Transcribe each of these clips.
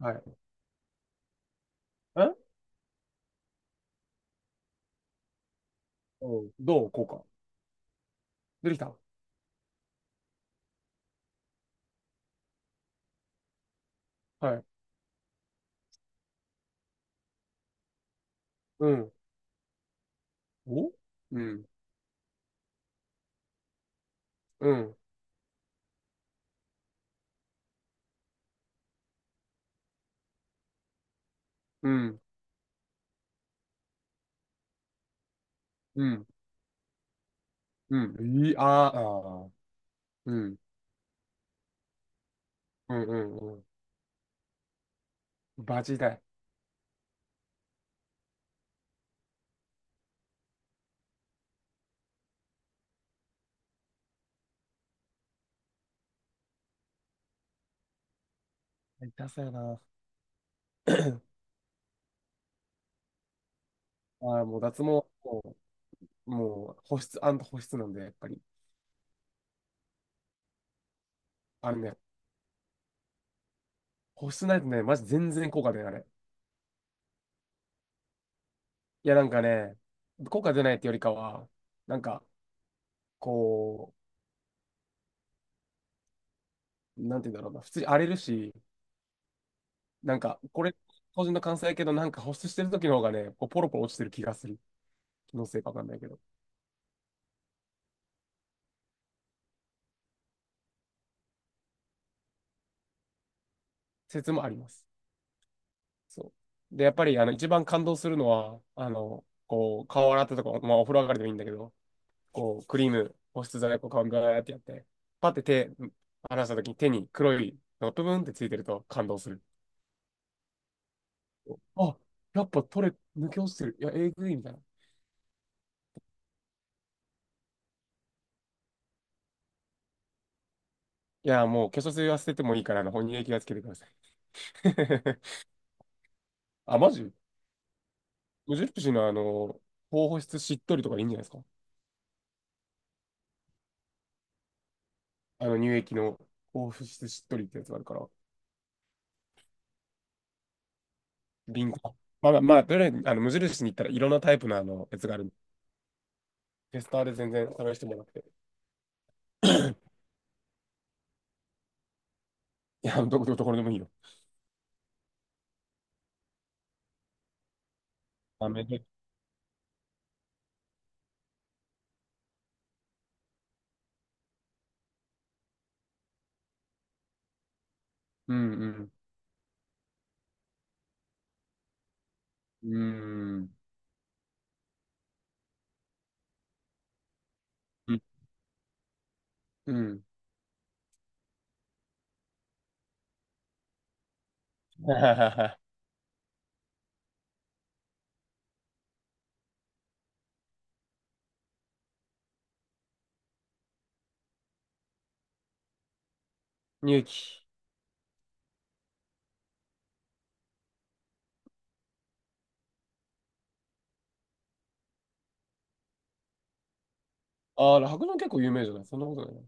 はい。えおうんどうこうか。出てきた。はい。うん。おうん。うん。うん。うん。うん。いい、あーあー。うん。うんうんうん。バジだい。痛そうやな。ああ、もう脱毛、もう保湿保湿なんで、やっぱり。あのね、保湿ないとね、マジ全然効果出ない、あれ。いや、なんかね、効果出ないってよりかは、なんか、こなんて言うんだろうな、普通に荒れるし、なんか、これ、個人の感想やけど、なんか保湿してる時の方がね、こうポロポロ落ちてる気がする。気のせいかわかんないけど。説もあります。そう。で、やっぱり、一番感動するのは、こう、顔洗ったとか、まあ、お風呂上がりでもいいんだけど、こう、クリーム、保湿剤、こう、顔にガーってやって、パって手、離した時に手に黒いのがブブンってついてると感動する。あ、やっぱ取れ、抜け落ちてる。いや、えぐいみたいな。いや、もう化粧水は捨ててもいいから、本人液はつけてください。あ、マジ。無印のあの、高保湿しっとりとかでいいんじゃないですか。あの、乳液の高保湿しっとりってやつがあるから、瓶が。まあとりあえず、無印に行ったらいろんなタイプのあの、やつがあるフェテスターで全然探してもらって。いや、どこ、どこでもいいよ。あ、めで。うんうん。うん。うん。うん。乳液。ああ、酪農結構有名じゃない？そんなことないな。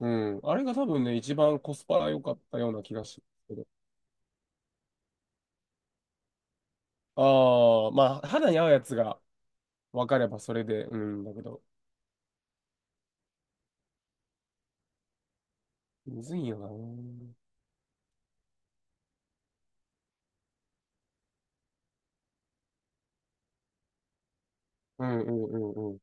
うん。あれが多分ね、一番コスパが良かったような気がするけど。ああ、まあ、肌に合うやつが分かればそれで、うん、だけど。むずいよな。うんうんうんうん。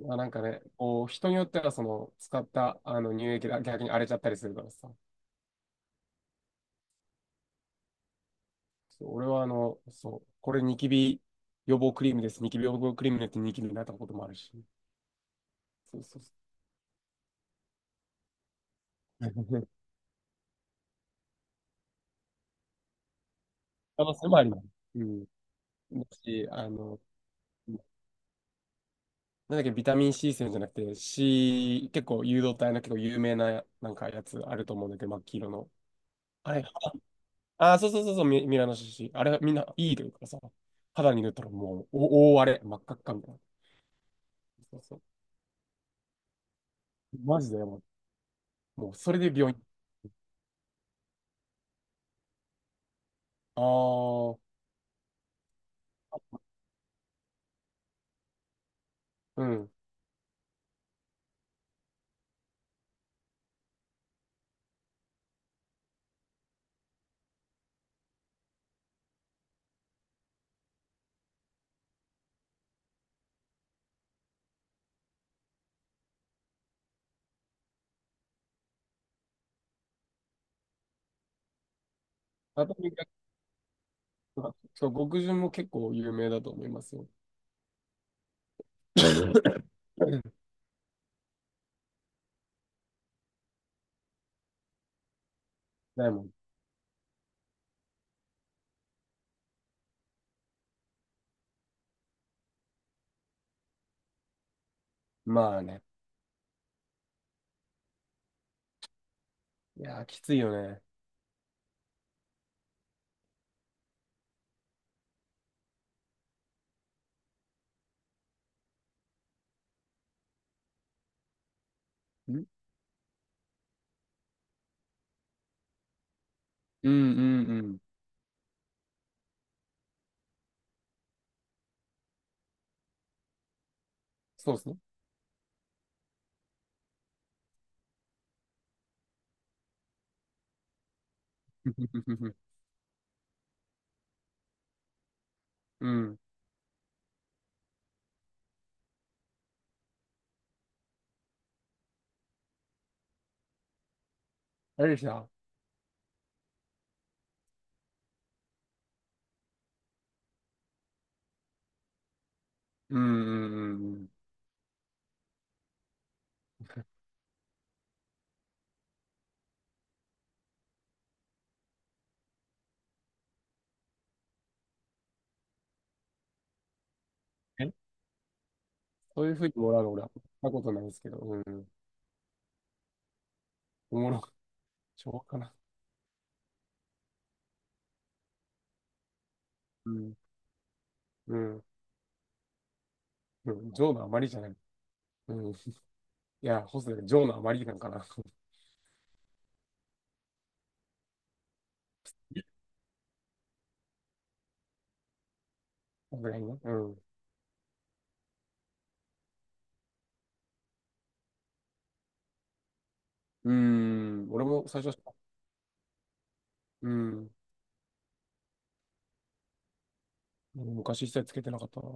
まあ、なんかね、こう、人によっては、その、使ったあの乳液が逆に荒れちゃったりするからさ。そう俺は、あの、そう、これニキビ予防クリームです。ニキビ予防クリームによってニキビになったこともあるし。そうそうそう。可能性もあります。うん。だし、あの、なんだっけ、ビタミン C 線じゃなくて、C、結構誘導体の結構有名な、なんかやつあると思うんだけど、真っ黄色の。あれ、ああそうそうそうそう、ミミラノシシ。あれ、みんないいというかさ、肌に塗ったらもう、お大荒れ、真っ赤っかみたいな。そうそう。マジでやばい。もう、それで病院。ああ、うん。熱海がそう、極潤も結構有名だと思いますよ。ないもん。まあね。いやー、きついよね。んうんうんうん。そうですね。うん。あれでした。うんうんうんうん。えそういうふうにもらうの俺は、なことないですけど。うん。おもろ、しょうがかな。うん。うん。うん、ジョーの余りじゃない。うん。いや、ホスで、ジョーの余りなんかな。さすがにね。うん。うーん。俺も最初、うん。昔一切つけてなかったな。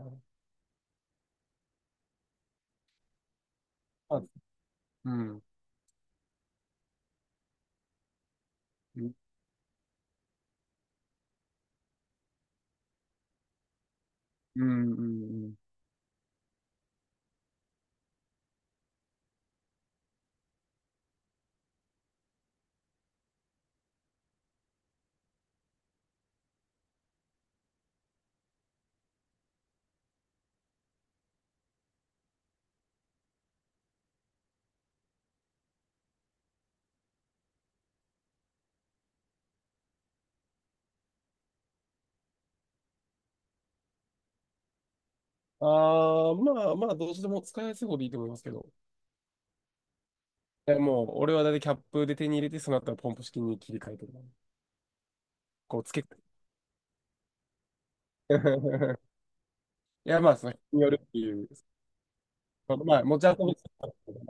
あ、うん。うん、うん、うん。ああ、まあまあ、どうしても使いやすい方でいいと思いますけど。え、もう、俺はだいたいキャップで手に入れて、その後はポンプ式に切り替えてる。こう、つけ、いや、まあ、その人によるっていう。まあ、持ち運び。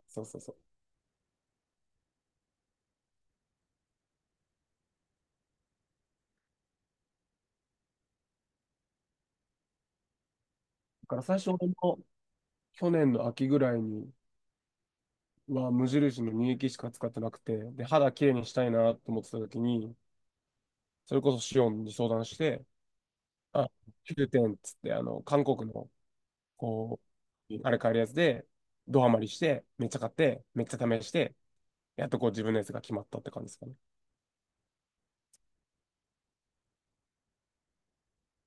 そうそうそう。だから最初、俺も去年の秋ぐらいに、は無印の乳液しか使ってなくて、で、肌きれいにしたいなと思ってた時に、それこそシオンに相談して、あ、9点っつって、韓国の、こう、あれ買えるやつで、ドハマりして、めっちゃ買って、めっちゃ試して、やっとこう自分のやつが決まったって感じですかね。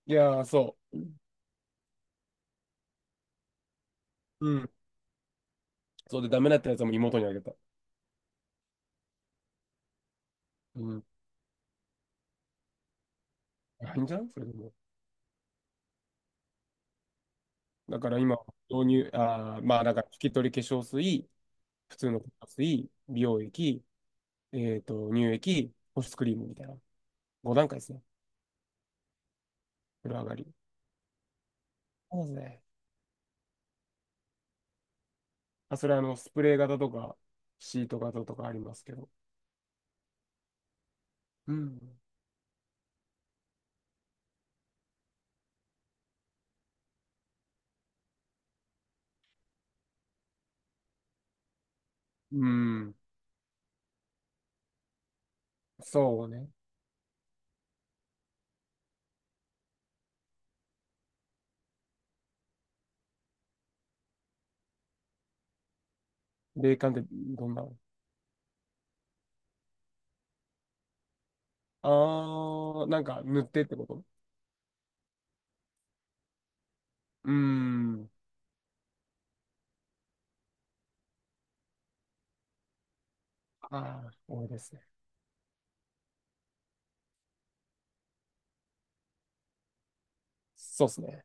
いやー、そう。うん。そうで、ダメだったやつも妹にあげた。うん。いいんじゃない？それでも。だから今、導入、あー、まあ、だから、拭き取り化粧水、普通の化粧水、美容液、えっと、乳液、保湿クリームみたいな。5段階ですね。風呂上がり。そうですね。あ、それあの、スプレー型とか、シート型とかありますけど。うん。うん。そうね。冷感ってどんなの？あー、なんか塗ってってこと？うーん。あー、多いですね。そうですね。